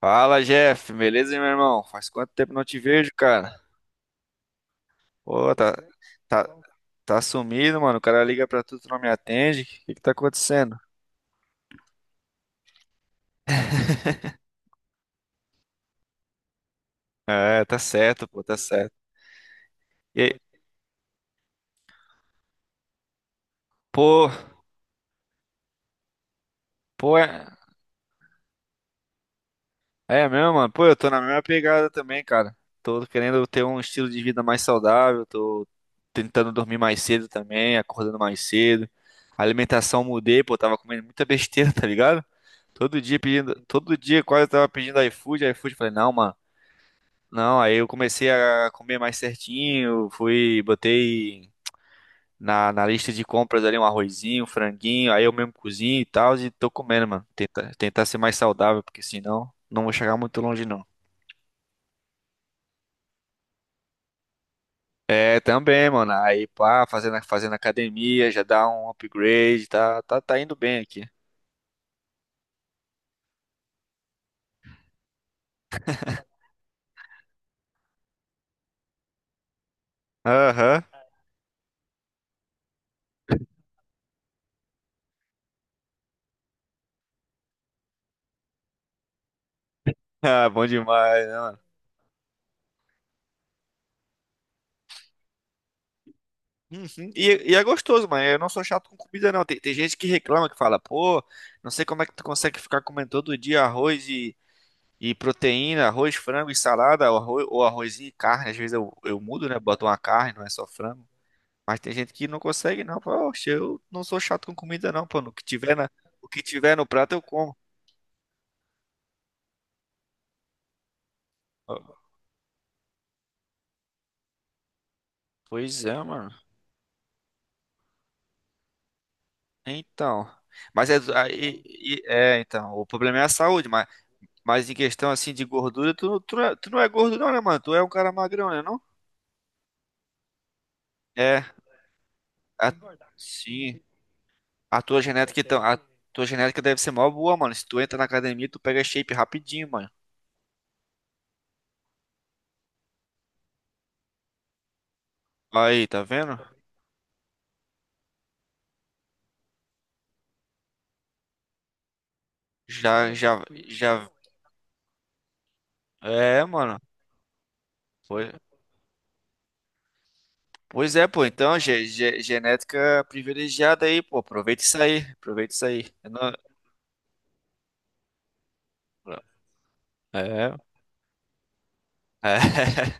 Fala, Jeff, beleza, meu irmão? Faz quanto tempo não te vejo, cara? Pô, tá, tá sumido, mano. O cara liga pra tu, tu não me atende. O que que tá acontecendo? É, tá certo, pô, tá certo. E, pô, pô, é mesmo, mano. Pô, eu tô na mesma pegada também, cara. Tô querendo ter um estilo de vida mais saudável, tô tentando dormir mais cedo também, acordando mais cedo. A alimentação mudei, pô, tava comendo muita besteira, tá ligado? Todo dia pedindo, todo dia quase eu tava pedindo iFood, iFood, falei, não, mano. Não, aí eu comecei a comer mais certinho, fui, botei na lista de compras ali um arrozinho, um franguinho, aí eu mesmo cozinho e tal, e tô comendo, mano. Tentar ser mais saudável, porque senão não vou chegar muito longe, não. É, também, mano. Aí, pá, fazendo academia, já dá um upgrade, tá indo bem aqui. Aham. Ah, bom demais, né, mano? Uhum. E é gostoso, mano. Eu não sou chato com comida, não. Tem gente que reclama, que fala, pô, não sei como é que tu consegue ficar comendo todo dia arroz e proteína, arroz, frango e salada, ou, arroz, ou arrozinho e carne. Às vezes eu mudo, né? Boto uma carne, não é só frango. Mas tem gente que não consegue, não. Fala, Oxe, eu não sou chato com comida, não, pô. O que tiver no prato eu como. Pois é, mano. Então. Mas é, então, o problema é a saúde, mas, em questão assim de gordura, tu, tu não é gordo não, né, mano? Tu é um cara magrão, né, não? É, a- sim. A tua genética deve ser mó boa, mano. Se tu entra na academia, tu pega shape rapidinho, mano. Aí, tá vendo? Já, já, já. É, mano. Pois, pois é, pô. Então, genética privilegiada aí, pô. Aproveita isso aí. Aproveita isso aí. Eu não- É. É.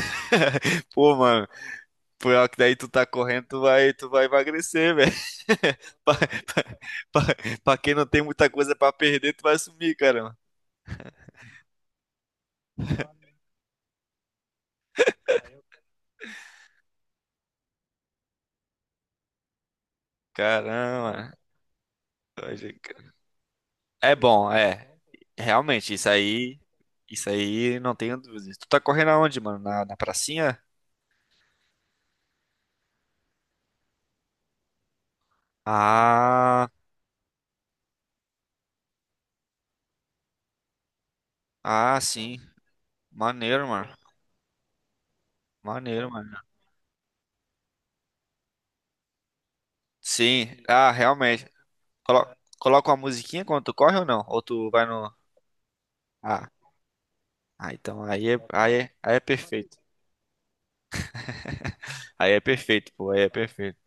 Pô, mano. Pior que daí tu tá correndo, tu vai emagrecer, velho. Pra, pra- pra- pra quem não tem muita coisa pra perder, tu vai sumir, cara. Caramba. É bom, é. Realmente, isso aí. Isso aí não tenho dúvidas. Tu tá correndo aonde, mano? Na pracinha? Ah, ah, sim. Maneiro, mano. Maneiro, mano. Sim, ah, realmente. Colo coloca uma musiquinha quando tu corre ou não? Ou tu vai no. Ah, ah então aí é perfeito. Aí é perfeito, pô, aí é perfeito.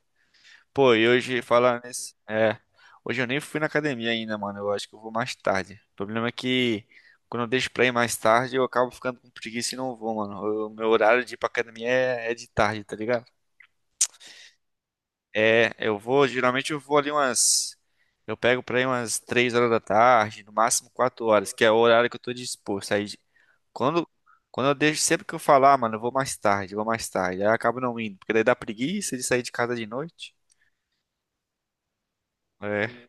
Pô, e hoje falar nesse. É. Hoje eu nem fui na academia ainda, mano. Eu acho que eu vou mais tarde. O problema é que quando eu deixo pra ir mais tarde, eu acabo ficando com preguiça e não vou, mano. O meu horário de ir pra academia é de tarde, tá ligado? É, eu vou, geralmente eu vou ali umas. Eu pego pra ir umas 3 horas da tarde, no máximo 4 horas, que é o horário que eu tô disposto. Aí quando, quando eu deixo, sempre que eu falar, mano, eu vou mais tarde, eu vou mais tarde. Aí eu acabo não indo, porque daí dá preguiça de sair de casa de noite. É.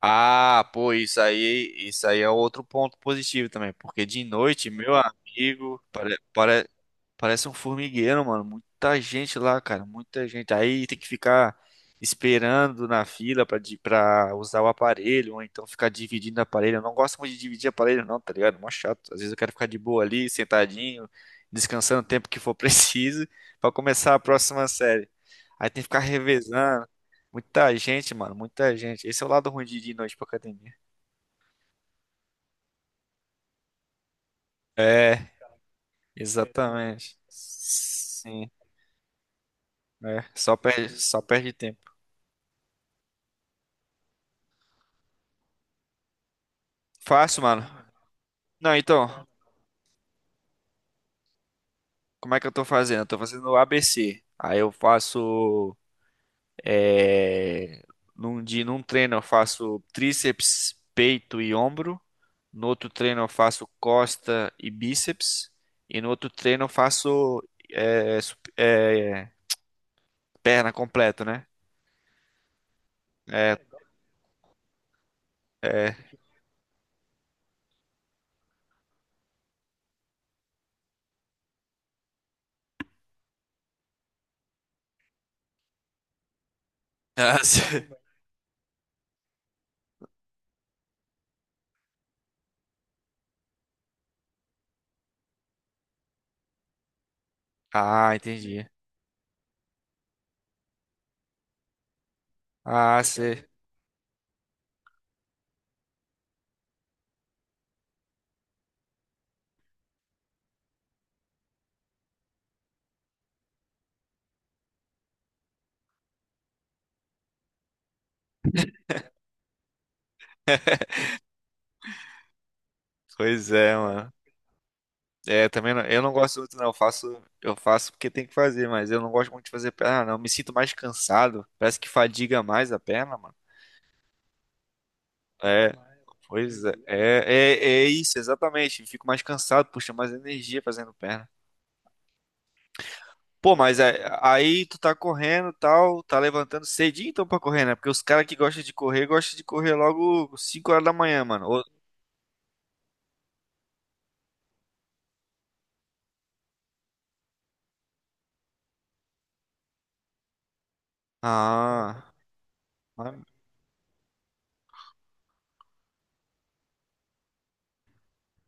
Ah, pô, isso aí é outro ponto positivo também, porque de noite, meu amigo, parece um formigueiro, mano. Muita gente lá, cara, muita gente. Aí tem que ficar esperando na fila pra usar o aparelho, ou então ficar dividindo o aparelho. Eu não gosto muito de dividir aparelho, não, tá ligado? Mó chato. Às vezes eu quero ficar de boa ali, sentadinho, descansando o tempo que for preciso, pra começar a próxima série. Aí tem que ficar revezando. Muita gente, mano, muita gente. Esse é o lado ruim de ir de noite pra academia. É, exatamente. Sim, é. Só perde tempo. Faço, mano. Não, então, como é que eu tô fazendo? Eu tô fazendo ABC. Aí eu faço. É, num dia, num treino eu faço tríceps, peito e ombro. No outro treino eu faço costa e bíceps. E no outro treino eu faço é, sup- é, perna completo, né? É, é. Ah, ah, entendi. Ah, sei. Pois é, mano. É, também não- eu não gosto muito, não. Eu faço porque tem que fazer, mas eu não gosto muito de fazer perna, não. Eu me sinto mais cansado. Parece que fadiga mais a perna, mano. É, pois é. É isso, exatamente. Fico mais cansado, puxa mais energia fazendo perna. Pô, mas aí tu tá correndo, e tal, tá levantando cedinho então pra correr, né? Porque os caras que gostam de correr logo 5 horas da manhã, mano. Ou- Ah,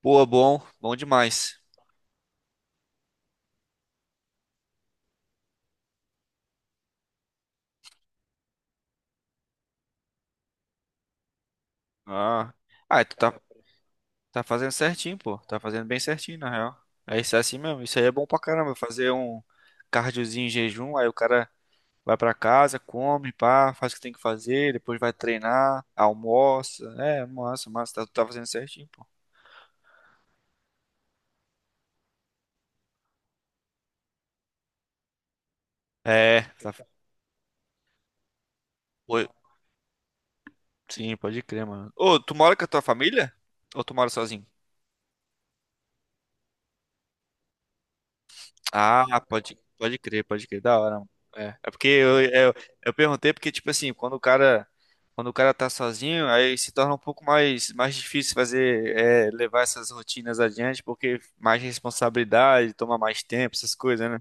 pô, bom, bom demais. Ah, ah, tu tá fazendo certinho, pô. Tá fazendo bem certinho, na real. É, isso é assim mesmo. Isso aí é bom pra caramba. Fazer um cardiozinho em jejum, aí o cara vai pra casa, come, pá, faz o que tem que fazer, depois vai treinar, almoça. É, massa, massa. Tá, tu tá fazendo certinho, pô. É, tá. Oi, sim, pode crer, mano. Ô, tu mora com a tua família? Ou tu mora sozinho? Ah, pode crer, pode crer, da hora, mano. É, é porque eu perguntei porque, tipo assim, quando o cara tá sozinho, aí se torna um pouco mais difícil fazer, levar essas rotinas adiante, porque mais responsabilidade, toma mais tempo, essas coisas, né?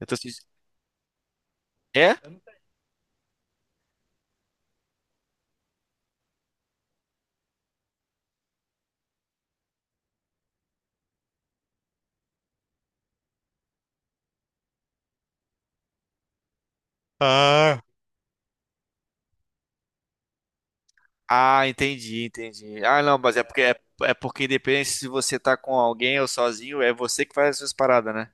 Eu tô sentindo. É? Ah, ah, entendi, entendi. Ah, não, mas é porque independente se você tá com alguém ou sozinho, é você que faz as suas paradas, né?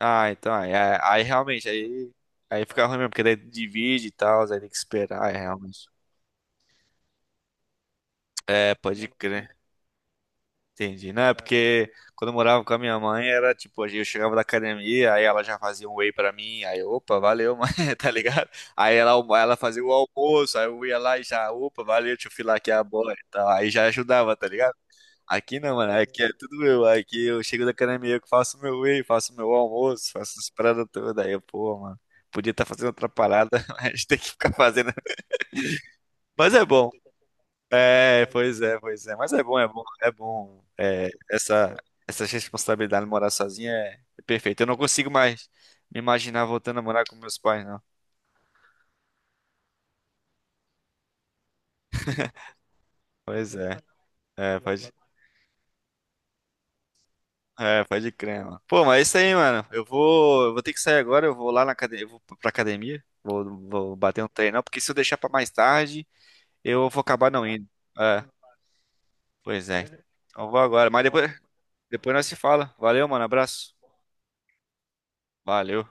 Ah, então, aí realmente, aí fica ruim mesmo, porque daí divide e tal, aí tem que esperar, é realmente. É, pode crer. Entendi. Não, é porque quando eu morava com a minha mãe, era tipo, eu chegava da academia, aí ela já fazia um whey pra mim, aí, opa, valeu, mãe, tá ligado? Aí ela fazia o almoço, aí eu ia lá e já, opa, valeu, deixa eu filar aqui a bola e tal. Aí já ajudava, tá ligado? Aqui não, mano. Aqui é tudo eu. Aqui eu chego da academia, eu que faço meu whey, faço meu almoço, faço as paradas todas. Aí eu, pô, mano, podia estar fazendo outra parada, mas tem que ficar fazendo. Mas é bom. É, pois é, pois é. Mas é bom, é bom, é bom. É, essa responsabilidade de morar sozinha é perfeita. Eu não consigo mais me imaginar voltando a morar com meus pais, não. Pois é. É, pode. É, pode crer, mano. Pô, mas é isso aí, mano. Eu vou ter que sair agora, eu vou lá na academia, eu vou pra academia, vou bater um treino, porque se eu deixar pra mais tarde, eu vou acabar não indo. É, pois é. Então eu vou agora, mas depois nós se fala. Valeu, mano, abraço. Valeu.